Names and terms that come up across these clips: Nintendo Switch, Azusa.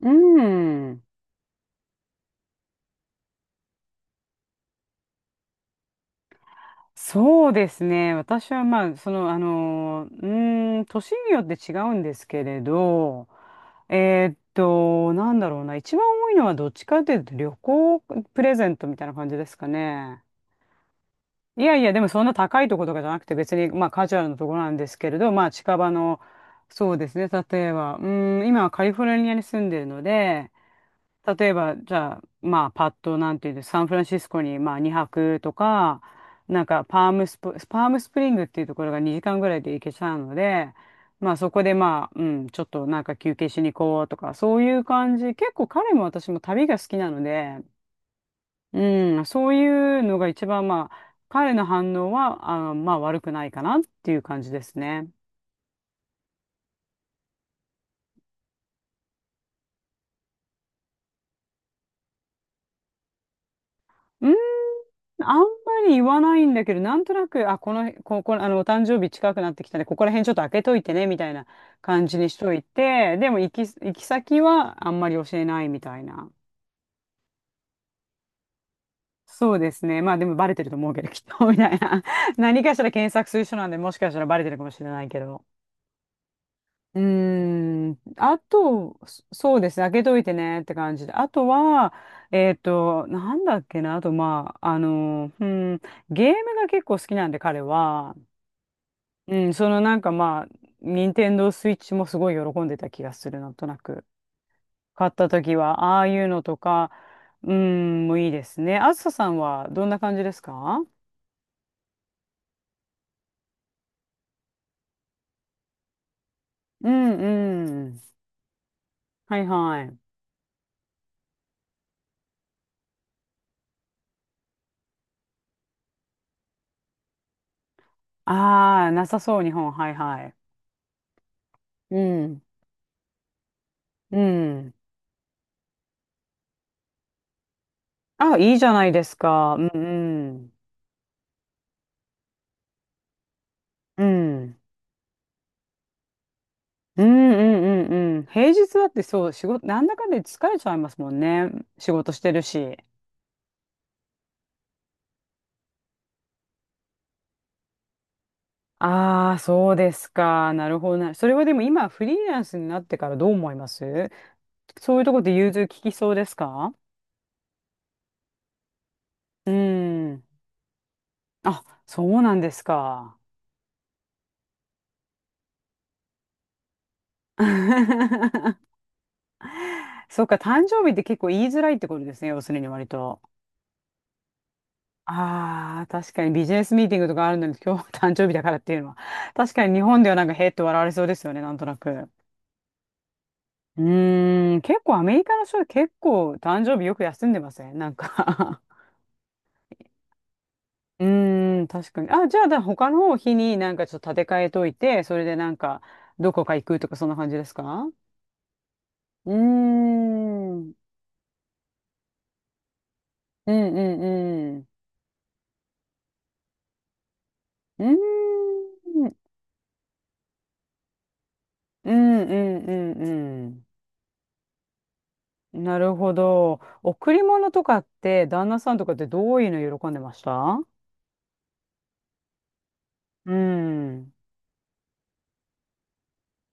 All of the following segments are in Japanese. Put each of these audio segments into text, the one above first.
うん。そうですね。私はまあ、年によって違うんですけれど、なんだろうな。一番多いのはどっちかというと旅行プレゼントみたいな感じですかね。いやいや、でもそんな高いところとかじゃなくて別に、まあカジュアルなところなんですけれど、まあ近場の、そうですね。例えば、今はカリフォルニアに住んでるので、例えば、じゃあ、まあ、パッと、なんていうんです、サンフランシスコに、まあ、2泊とか、なんか、パームスプリングっていうところが2時間ぐらいで行けちゃうので、まあ、そこで、まあ、うん、ちょっとなんか休憩しに行こうとか、そういう感じ。結構彼も私も旅が好きなので、うん、そういうのが一番、まあ、彼の反応は、あの、まあ、悪くないかなっていう感じですね。うん、あんまり言わないんだけど、なんとなく、あ、この、こ、こ、あの、お誕生日近くなってきたねここら辺ちょっと開けといてね、みたいな感じにしといて、でも行き先はあんまり教えないみたいな。そうですね。まあでもバレてると思うけど、きっと、みたいな。何かしら検索する人なんで、もしかしたらバレてるかもしれないけど。うーん。あと、そうですね。開けといてねって感じで。あとは、なんだっけな。あと、まあ、うん、ゲームが結構好きなんで、彼は。うん、そのなんかまあ、任天堂スイッチもすごい喜んでた気がする、なんとなく。買った時は、ああいうのとか、うん、もういいですね。あずささんはどんな感じですか？うんうん。はいはい。ああ、なさそう、日本。はいはい。うん。うん。あ、いいじゃないですか。うんうん。うん。うんうんうんうん。平日だってそう、仕事、なんだかんだ言って疲れちゃいますもんね。仕事してるし。ああ、そうですか。なるほどな。それはでも今、フリーランスになってからどう思います？そういうところで融通聞きそうですか？うーん。あ、そうなんですか。そうか、誕生日って結構言いづらいってことですね。要するに割と。ああ、確かにビジネスミーティングとかあるのに今日は誕生日だからっていうのは。確かに日本ではなんかへーって笑われそうですよね。なんとなく。うーん、結構アメリカの人は結構誕生日よく休んでません？なんか、うーん、確かに。あ、じゃあ、だ他の方日になんかちょっと立て替えといて、それでなんか、どこか行くとか、そんな感じですか？うーん。うんうんうん。うーん。うんうんうんうん。なるほど。贈り物とかって、旦那さんとかってどういうの喜んでました？うん。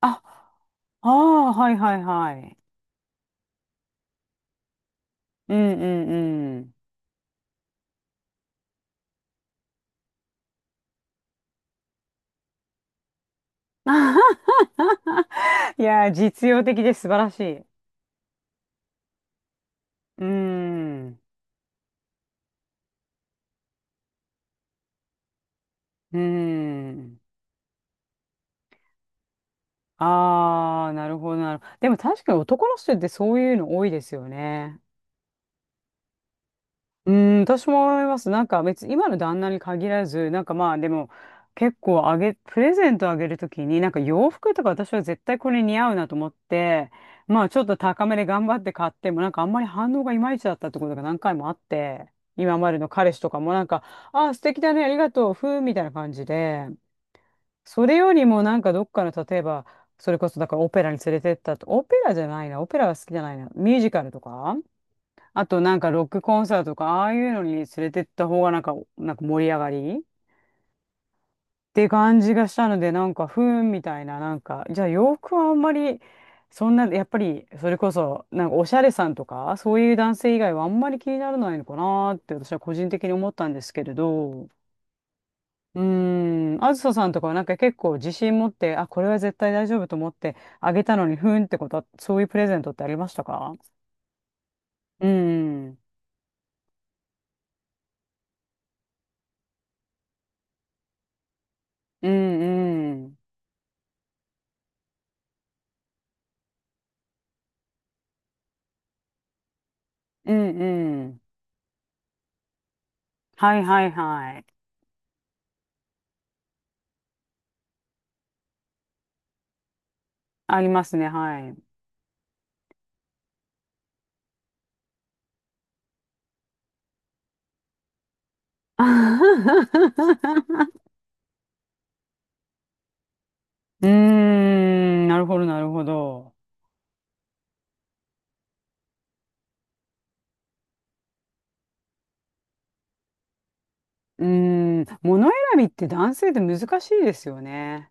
あ、ああ、はいはいはい。うんうんうん。いやー、実用的で素晴らしい。うーん。うーん。ああ、なるほどなるほど。でも確かに男の人ってそういうの多いですよね。うーん、私も思います。なんか別に今の旦那に限らず、なんかまあでも結構プレゼントあげるときに、なんか洋服とか私は絶対これ似合うなと思って、まあちょっと高めで頑張って買っても、なんかあんまり反応がいまいちだったってことが何回もあって、今までの彼氏とかもなんか、ああ、素敵だね、ありがとう、ふーみたいな感じで。それよりもなんかどっかの例えばそれこそだからオペラに連れてったと、オペラじゃないな、オペラは好きじゃないな、ミュージカルとかあとなんかロックコンサートとかああいうのに連れてった方がなんか、なんか盛り上がりって感じがしたのでなんかふーんみたいな、なんかじゃあ洋服はあんまりそんなやっぱりそれこそなんかおしゃれさんとかそういう男性以外はあんまり気にならないのかなーって私は個人的に思ったんですけれど。うーん、あずささんとかはなんか結構自信持って、あ、これは絶対大丈夫と思ってあげたのに、ふーんってことは、そういうプレゼントってありましたか？うん、うん、うん、うん、うん。はいはいはい。ありますね、はい。うーん、なるほど、なるほど。うーん、物選びって男性って難しいですよね。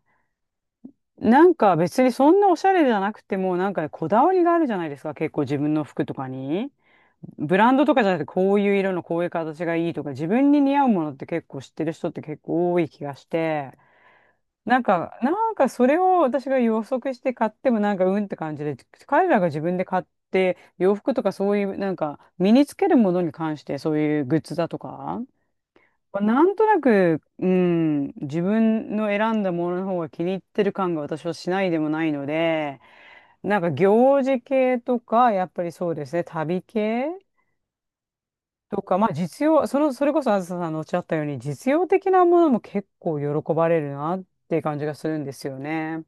なんか別にそんなおしゃれじゃなくても、なんかね、こだわりがあるじゃないですか、結構自分の服とかに。ブランドとかじゃなくて、こういう色のこういう形がいいとか、自分に似合うものって結構知ってる人って結構多い気がして、なんか、なんかそれを私が予測して買ってもなんかうんって感じで、彼らが自分で買って、洋服とかそういう、なんか身につけるものに関してそういうグッズだとか、なんとなく、うん、自分の選んだものの方が気に入ってる感が私はしないでもないので、なんか行事系とか、やっぱりそうですね、旅系とか、まあ実用、その、それこそあずささんのおっしゃったように、実用的なものも結構喜ばれるなっていう感じがするんですよね。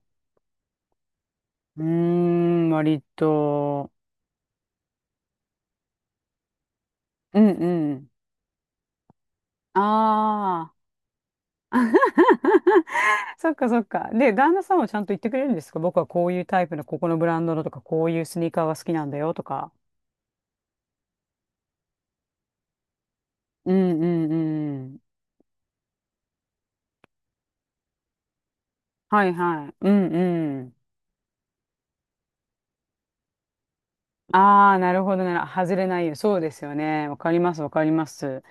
うーん、割と。うんうん。ああ、そっかそっか。で、旦那さんはちゃんと言ってくれるんですか？僕はこういうタイプの、ここのブランドのとか、こういうスニーカーが好きなんだよとか。うんうんうん。はいはい。うんうん。ああ、なるほどな。外れないよ。そうですよね。わかります、わかります。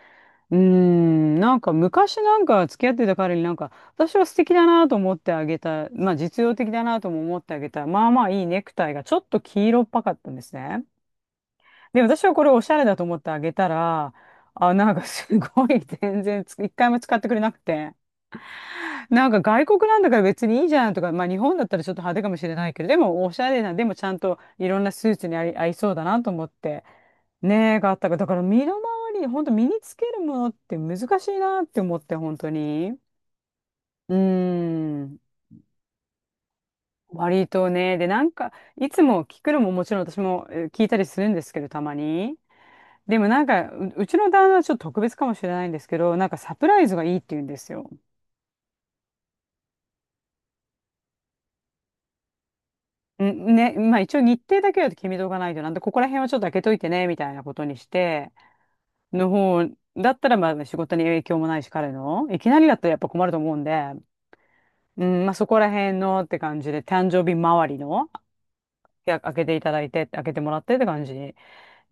うーん。なんか昔なんか付き合ってた彼になんか、私は素敵だなと思ってあげた。まあ実用的だなとも思ってあげた。まあまあいいネクタイがちょっと黄色っぽかったんですね。で、私はこれおしゃれだと思ってあげたら、あ、なんかすごい全然一回も使ってくれなくて。なんか外国なんだから別にいいじゃんとか、まあ日本だったらちょっと派手かもしれないけど、でもおしゃれな、でもちゃんといろんなスーツに合いそうだなと思って、ねえ、があったから、だから身の回り、本当身につけるものって難しいなって思って、本当に。うーん。割とね、で、なんか、いつも聞くのももちろん私も聞いたりするんですけど、たまに。でもなんか、うちの旦那はちょっと特別かもしれないんですけど、なんかサプライズがいいって言うんですよ。んね、まあ一応日程だけは決めとかないとなんで、ここら辺はちょっと開けといてね、みたいなことにして、の方、だったらまあ仕事に影響もないし、彼の、いきなりだったらやっぱ困ると思うんで、うん、まあそこら辺のって感じで、誕生日周りの、いや開けていただいて、開けてもらってって感じ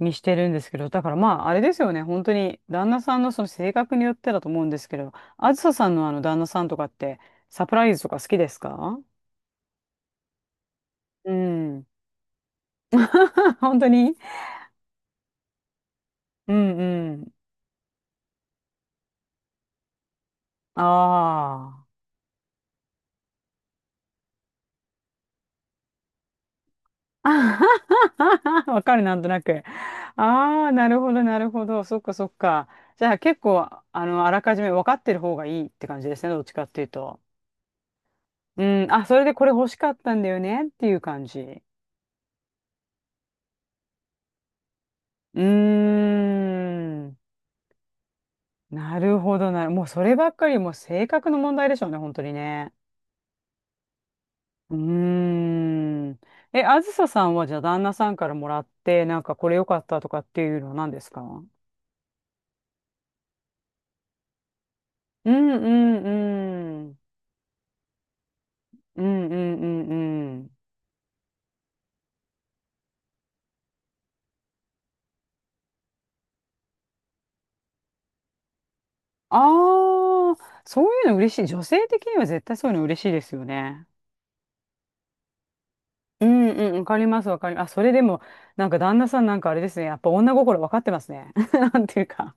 にしてるんですけど、だからまああれですよね。本当に旦那さんのその性格によってだと思うんですけど、あずささんの旦那さんとかって、サプライズとか好きですか？うん。本当に。うんうん。ああ。わかる、なんとなく。ああ、なるほど、なるほど。そっか、そっか。じゃあ結構、あらかじめ分かってる方がいいって感じですね。どっちかっていうと。うん。あ、それでこれ欲しかったんだよねっていう感じ。うーん。なるほどなる。もうそればっかり、もう性格の問題でしょうね、本当にね。うーん。え、あずささんはじゃあ旦那さんからもらって、なんかこれ良かったとかっていうのは何ですか？うんうんうん。うんうんうんうん。ああ、そういうの嬉しい。女性的には絶対そういうの嬉しいですよね。うんうん、わかります、わかります。あ、それでも、なんか旦那さんなんかあれですね。やっぱ女心わかってますね。なんていうか。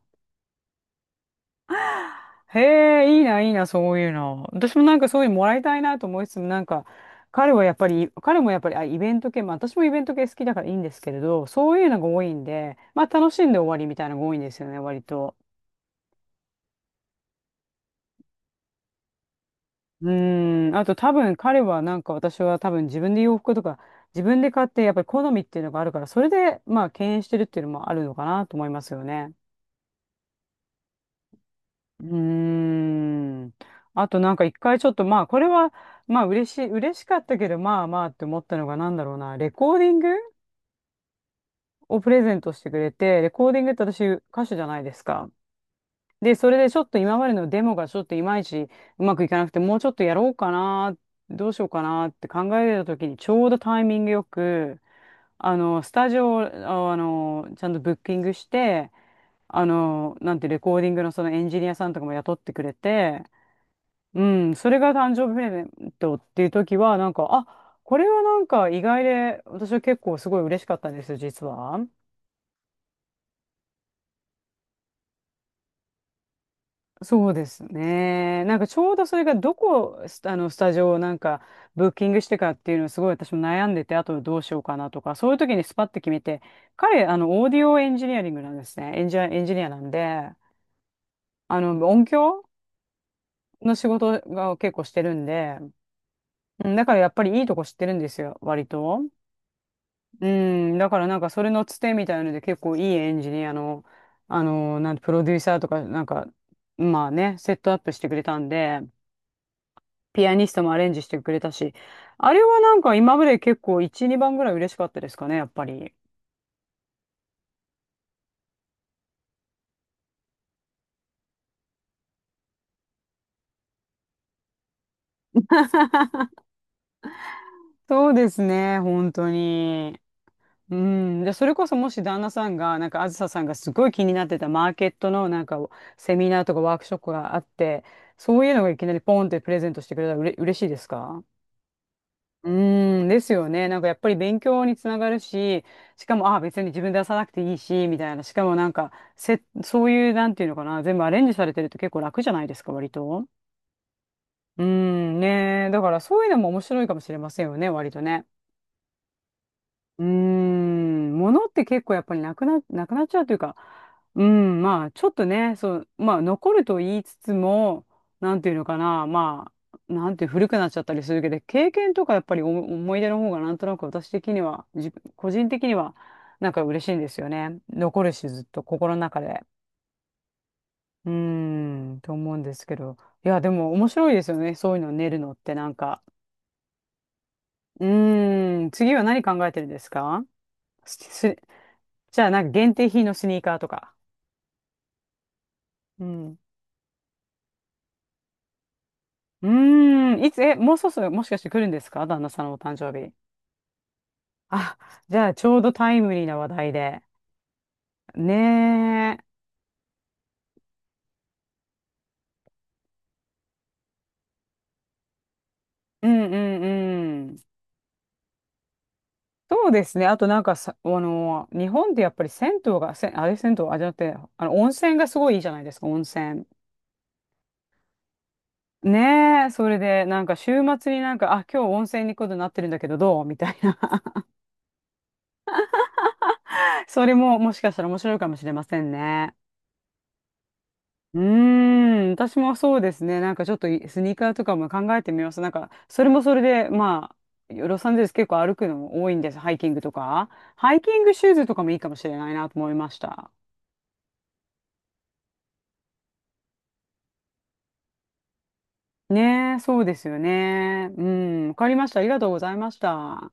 へえ、いいな、いいな、そういうの。私もなんかそういうのもらいたいなと思いつつも、なんか、彼はやっぱり、彼もやっぱり、あ、イベント系、まあ私もイベント系好きだからいいんですけれど、そういうのが多いんで、まあ楽しんで終わりみたいなのが多いんですよね、割と。うーん、あと多分彼はなんか私は多分自分で洋服とか自分で買ってやっぱり好みっていうのがあるからそれでまあ敬遠してるっていうのもあるのかなと思いますよね。うーん。あとなんか一回ちょっとまあこれはまあ嬉しい、嬉しかったけどまあまあって思ったのがなんだろうな、レコーディングをプレゼントしてくれて、レコーディングって私歌手じゃないですか。で、それでちょっと今までのデモがちょっといまいちうまくいかなくて、もうちょっとやろうかな、どうしようかなって考えてた時に、ちょうどタイミングよく、スタジオを、ちゃんとブッキングして、なんてレコーディングのそのエンジニアさんとかも雇ってくれて、うん、それが誕生日プレゼントっていう時は、なんか、あ、これはなんか意外で、私は結構すごい嬉しかったんですよ、実は。そうですね。なんかちょうどそれがどこ、スタジオをなんかブッキングしてかっていうのをすごい私も悩んでて、あとどうしようかなとか、そういう時にスパッて決めて、彼、オーディオエンジニアリングなんですね。エンジニアなんで、音響の仕事が結構してるんで、うん、だからやっぱりいいとこ知ってるんですよ、割と。うん、だからなんかそれのつてみたいので結構いいエンジニアの、あの、なんて、プロデューサーとか、なんか、まあね、セットアップしてくれたんで、ピアニストもアレンジしてくれたし、あれはなんか今まで結構1、2番ぐらい嬉しかったですかね、やっぱり。そうですね、本当に。うん、で、それこそもし旦那さんが、なんかあずささんがすごい気になってたマーケットのなんかセミナーとかワークショップがあって、そういうのがいきなりポンってプレゼントしてくれたら嬉しいですか？うーん、ですよね。なんかやっぱり勉強につながるし、しかも、ああ、別に自分で出さなくていいし、みたいな。しかもなんか、そういう、なんていうのかな、全部アレンジされてると結構楽じゃないですか、割と。うーん、ねえ。だからそういうのも面白いかもしれませんよね、割とね。うーん、物って結構やっぱりなくなっちゃうというか、うん、まあ、ちょっとね、そう、まあ、残ると言いつつも、なんていうのかな、まあ、なんていう古くなっちゃったりするけど、経験とかやっぱりお思い出の方がなんとなく私的には、自分、個人的には、なんか嬉しいんですよね。残るし、ずっと心の中で。うーん、と思うんですけど。いや、でも面白いですよね、そういうの練るのってなんか。うーん、次は何考えてるんですか？すすじゃあ、なんか限定品のスニーカーとか。うん。うーん。いつ、え、もうそろそろもしかして来るんですか旦那さんのお誕生日。あ、じゃあ、ちょうどタイムリーな話題で。ねえ。うんうんうん。そうですね。あとなんかさ、日本ってやっぱり銭湯が、せ、あれ銭湯、あ、じゃなくて、温泉がすごいいいじゃないですか、温泉。ねえ、それで、なんか週末になんか、あ、今日温泉に行くことになってるんだけど、どうみたいな。それももしかしたら面白いかもしれませんね。うーん、私もそうですね。なんかちょっといスニーカーとかも考えてみます。なんか、それもそれで、まあ、ロサンゼルス結構歩くの多いんです。ハイキングとか。ハイキングシューズとかもいいかもしれないなと思いました。ねえ、そうですよね。うん、わかりました。ありがとうございました。